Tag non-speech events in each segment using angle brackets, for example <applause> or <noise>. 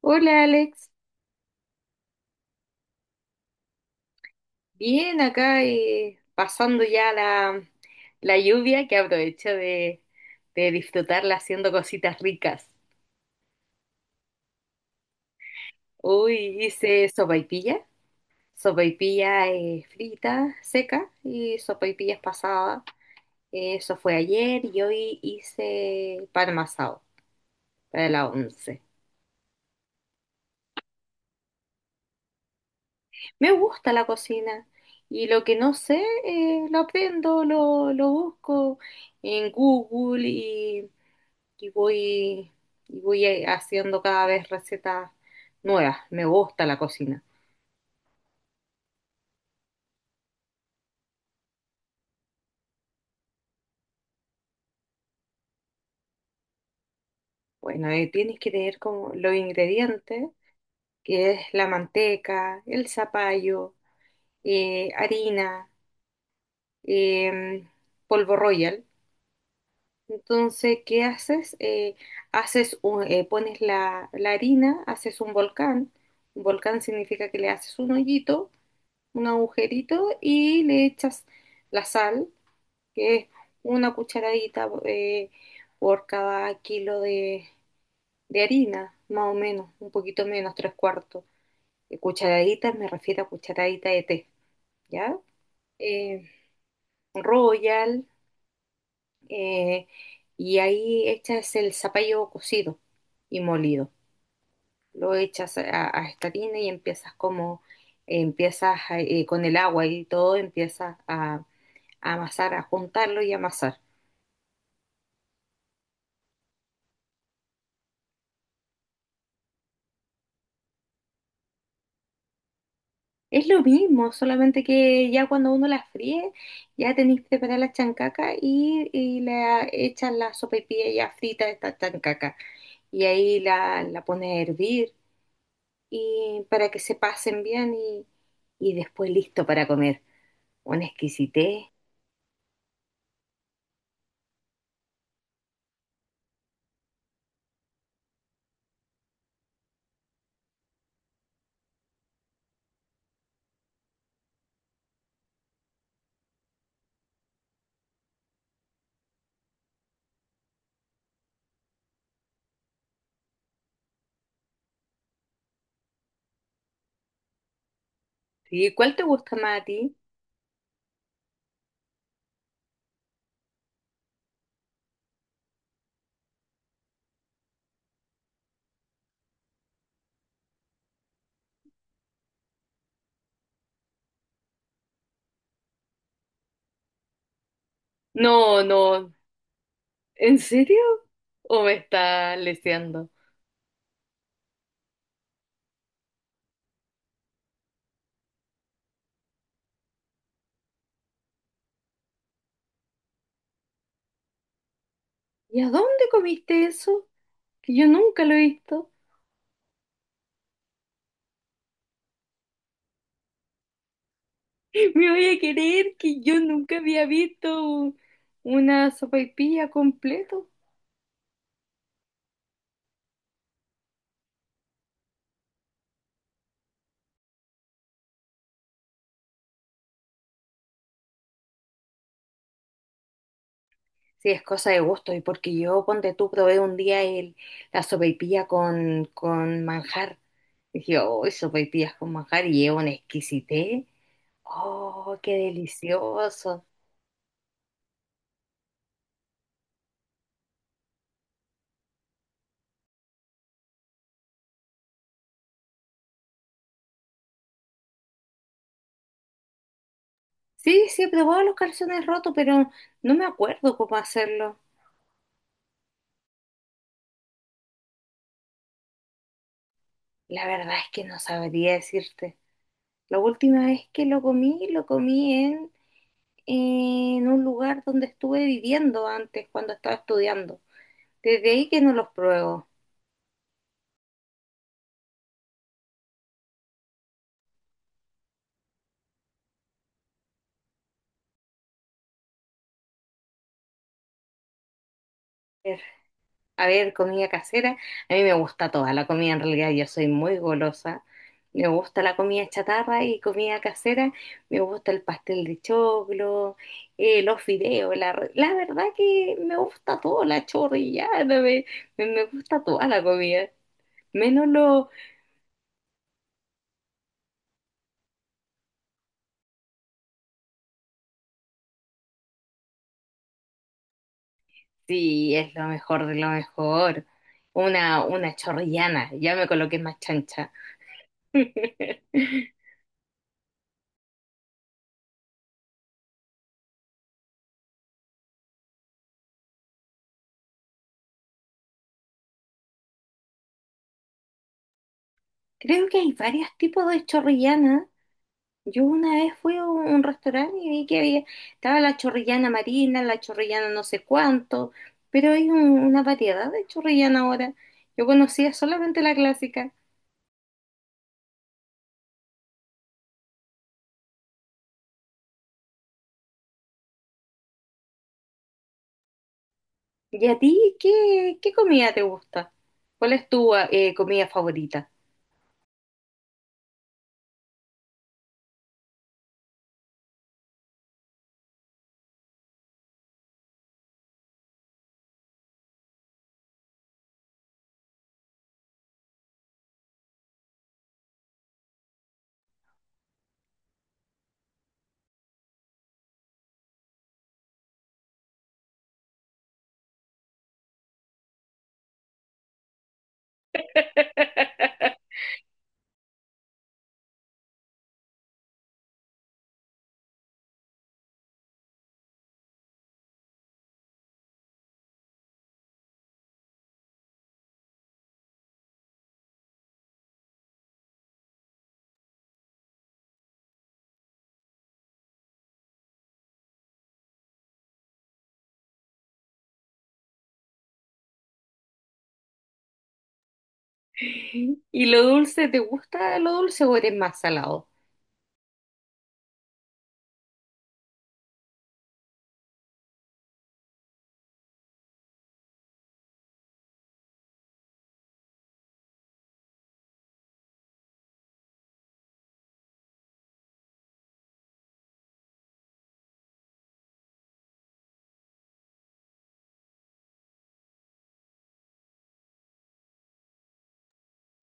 Hola Alex, bien acá pasando la lluvia que aprovecho de disfrutarla haciendo cositas ricas. Hoy hice sopaipilla, sopaipilla frita, seca y sopaipillas pasadas. Eso fue ayer y hoy hice pan masao para la once. Me gusta la cocina y lo que no sé lo aprendo, lo busco en Google y voy, y voy haciendo cada vez recetas nuevas. Me gusta la cocina. Bueno, tienes que tener como los ingredientes, que es la manteca, el zapallo, harina, eh, polvo royal. Entonces, ¿qué haces? Pones la harina, haces un volcán. Un volcán significa que le haces un hoyito, un agujerito y le echas la sal que es una cucharadita por cada kilo de harina, más o menos, un poquito menos, tres cuartos. Cucharadita me refiero a cucharadita de té, ¿ya? Eh, Royal, eh, y ahí echas el zapallo cocido y molido. Lo echas a esta harina y empiezas con el agua y todo, empiezas a amasar, a juntarlo y amasar. Es lo mismo, solamente que ya cuando uno la fríe, ya tenéis que preparar la chancaca y la echas la sopaipilla ya frita de esta chancaca. Y ahí la pones a hervir y para que se pasen bien y después listo para comer. Una exquisitez. ¿Y cuál te gusta más a ti? No, no. ¿En serio? ¿O me está leseando? ¿Y a dónde comiste eso? Que yo nunca lo he visto. <laughs> Me voy a querer que yo nunca había visto una sopaipilla completo. Sí, es cosa de gusto y porque yo, ponte tú, probé un día la sopaipilla con manjar. Dije, oh, sopaipillas con manjar y es una exquisitez. Oh, qué delicioso. Sí, sí, he probado los calzones rotos, pero no me acuerdo cómo hacerlo. La verdad es que no sabría decirte. La última vez que lo comí en un lugar donde estuve viviendo antes cuando estaba estudiando. Desde ahí que no los pruebo. A ver, a ver, comida casera. A mí me gusta toda la comida, en realidad yo soy muy golosa. Me gusta la comida chatarra y comida casera. Me gusta el pastel de choclo, los fideos. La verdad que me gusta todo, la chorrillada. Me gusta toda la comida. Menos los. Sí, es lo mejor de lo mejor. Una chorrillana, ya me coloqué más chancha. <laughs> Creo que hay varios tipos de chorrillana. Yo una vez fui a un, restaurante y vi que había, estaba la chorrillana marina, la chorrillana no sé cuánto, pero hay una variedad de chorrillana ahora. Yo conocía solamente la clásica. ¿Y a ti qué, qué comida te gusta? ¿Cuál es tu comida favorita? <laughs> ¿Y lo dulce, te gusta lo dulce o eres más salado?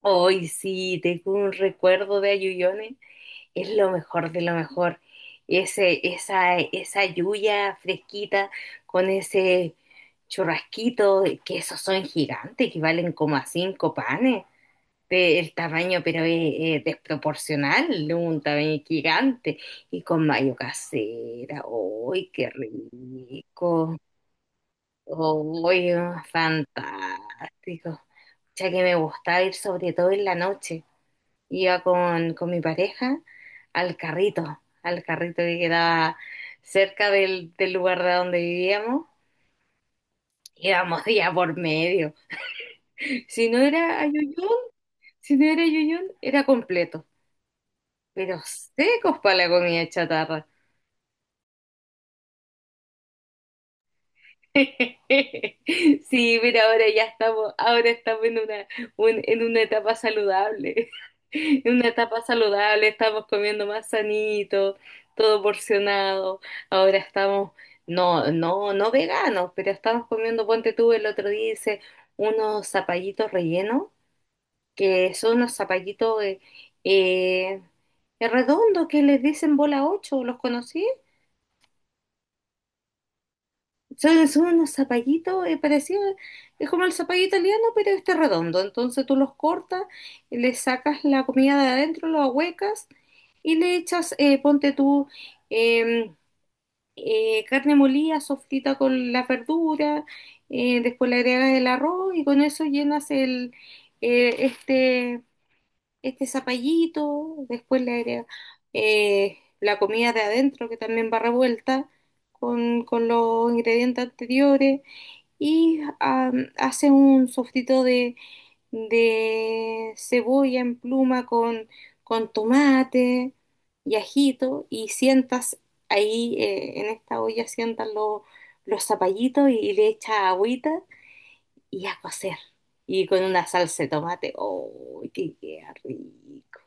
Hoy sí, tengo un recuerdo de Ayuyone, es lo mejor de lo mejor. Ese, esa lluvia fresquita con ese churrasquito, que esos son gigantes, que valen como a cinco panes. El tamaño, pero es desproporcional, un tamaño gigante. Y con mayo casera, ¡ay, qué rico! ¡Ay, fantástico! Ya que me gustaba ir sobre todo en la noche iba con mi pareja al carrito que quedaba del lugar de donde vivíamos. Íbamos día por medio. Si no era a Yuyún, si no era Yuyún, era completo. Pero secos para la comida chatarra. <laughs> Sí, mira, ahora ya estamos, ahora estamos en una, en una etapa saludable. <laughs> En una etapa saludable, estamos comiendo más sanito, todo porcionado. Ahora estamos, no, no, no veganos, pero estamos comiendo, ponte tú, el otro día hice unos zapallitos rellenos, que son unos zapallitos eh, redondos que les dicen bola 8, ¿los conocí? Son, son unos zapallitos, parecido, es como el zapallo italiano, pero este redondo. Entonces tú los cortas, le sacas la comida de adentro, lo ahuecas y le echas, ponte tú, eh, carne molida, sofrita con la verdura, después le agregas el arroz y con eso llenas eh, este, este zapallito, después le agregas la comida de adentro que también va revuelta con los ingredientes anteriores y am, hace un sofrito de cebolla en pluma con tomate y ajito y sientas ahí en esta olla, los zapallitos y le echas agüita y a cocer. Y con una salsa de tomate, ¡oh, qué queda rico!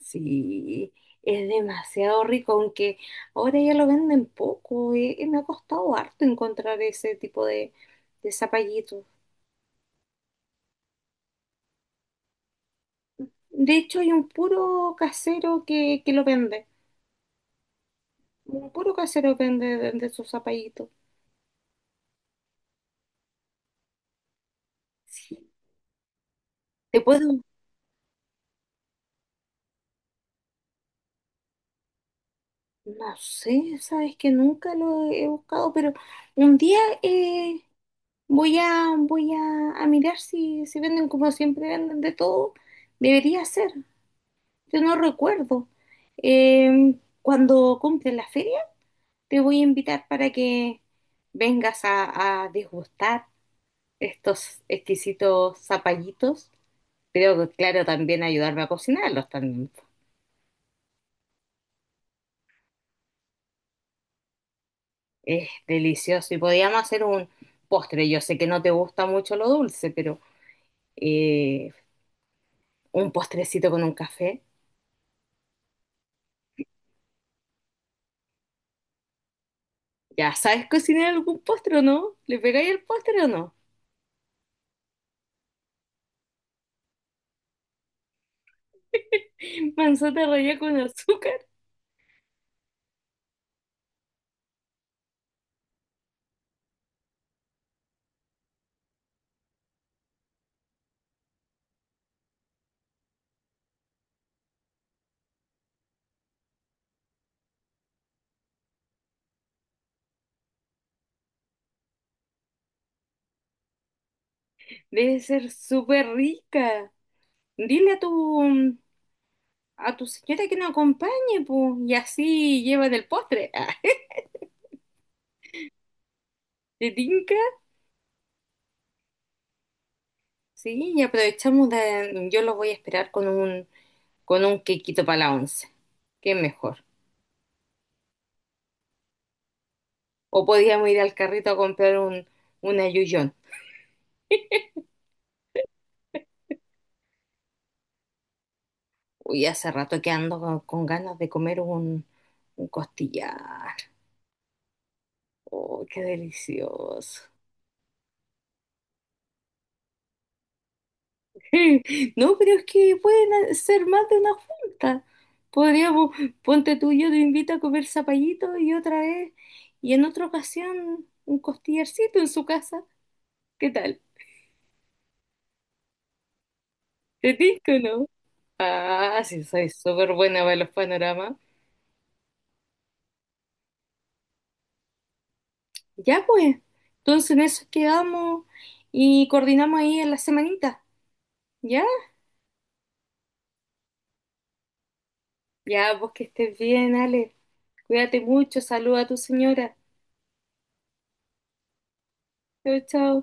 Sí, es demasiado rico, aunque ahora ya lo venden poco, me ha costado harto encontrar ese tipo de zapallitos. De hecho, hay un puro casero que lo vende. Un puro casero vende de sus zapallitos. Sí. Te puedo, no sé, sabes que nunca lo he buscado, pero un día voy a mirar si, si venden como siempre venden de todo. Debería ser, yo no recuerdo. Eh, cuando compren la feria, te voy a invitar para que vengas a degustar estos exquisitos zapallitos. Creo que, claro, también ayudarme a cocinarlos también. Es delicioso. Y podíamos hacer un postre. Yo sé que no te gusta mucho lo dulce, pero eh, un postrecito con un café. ¿Ya sabes cocinar algún postre o no? ¿Le pegáis el postre o no? <laughs> Manzana rallada con azúcar. Debe ser súper rica. Dile a tu señora que nos acompañe, pues, y así llevan el postre. <laughs> ¿Te tinca? Sí, y aprovechamos de... Yo los voy a esperar con un quequito para la once. Qué mejor. O podíamos ir al carrito a comprar un ayuyón. Uy, hace rato que ando con ganas de comer un costillar. Oh, qué delicioso. <laughs> No, pero es que pueden ser más de una junta. Podríamos, ponte tú y yo te invito a comer zapallito y otra vez, y en otra ocasión, un costillarcito en su casa. ¿Qué tal? ¿Te tinca o no? Ah, sí, soy súper buena para los panoramas. Ya pues, entonces en eso quedamos y coordinamos ahí en la semanita. ¿Ya? Ya, pues que estés bien, Ale. Cuídate mucho, saluda a tu señora. Chao, chao.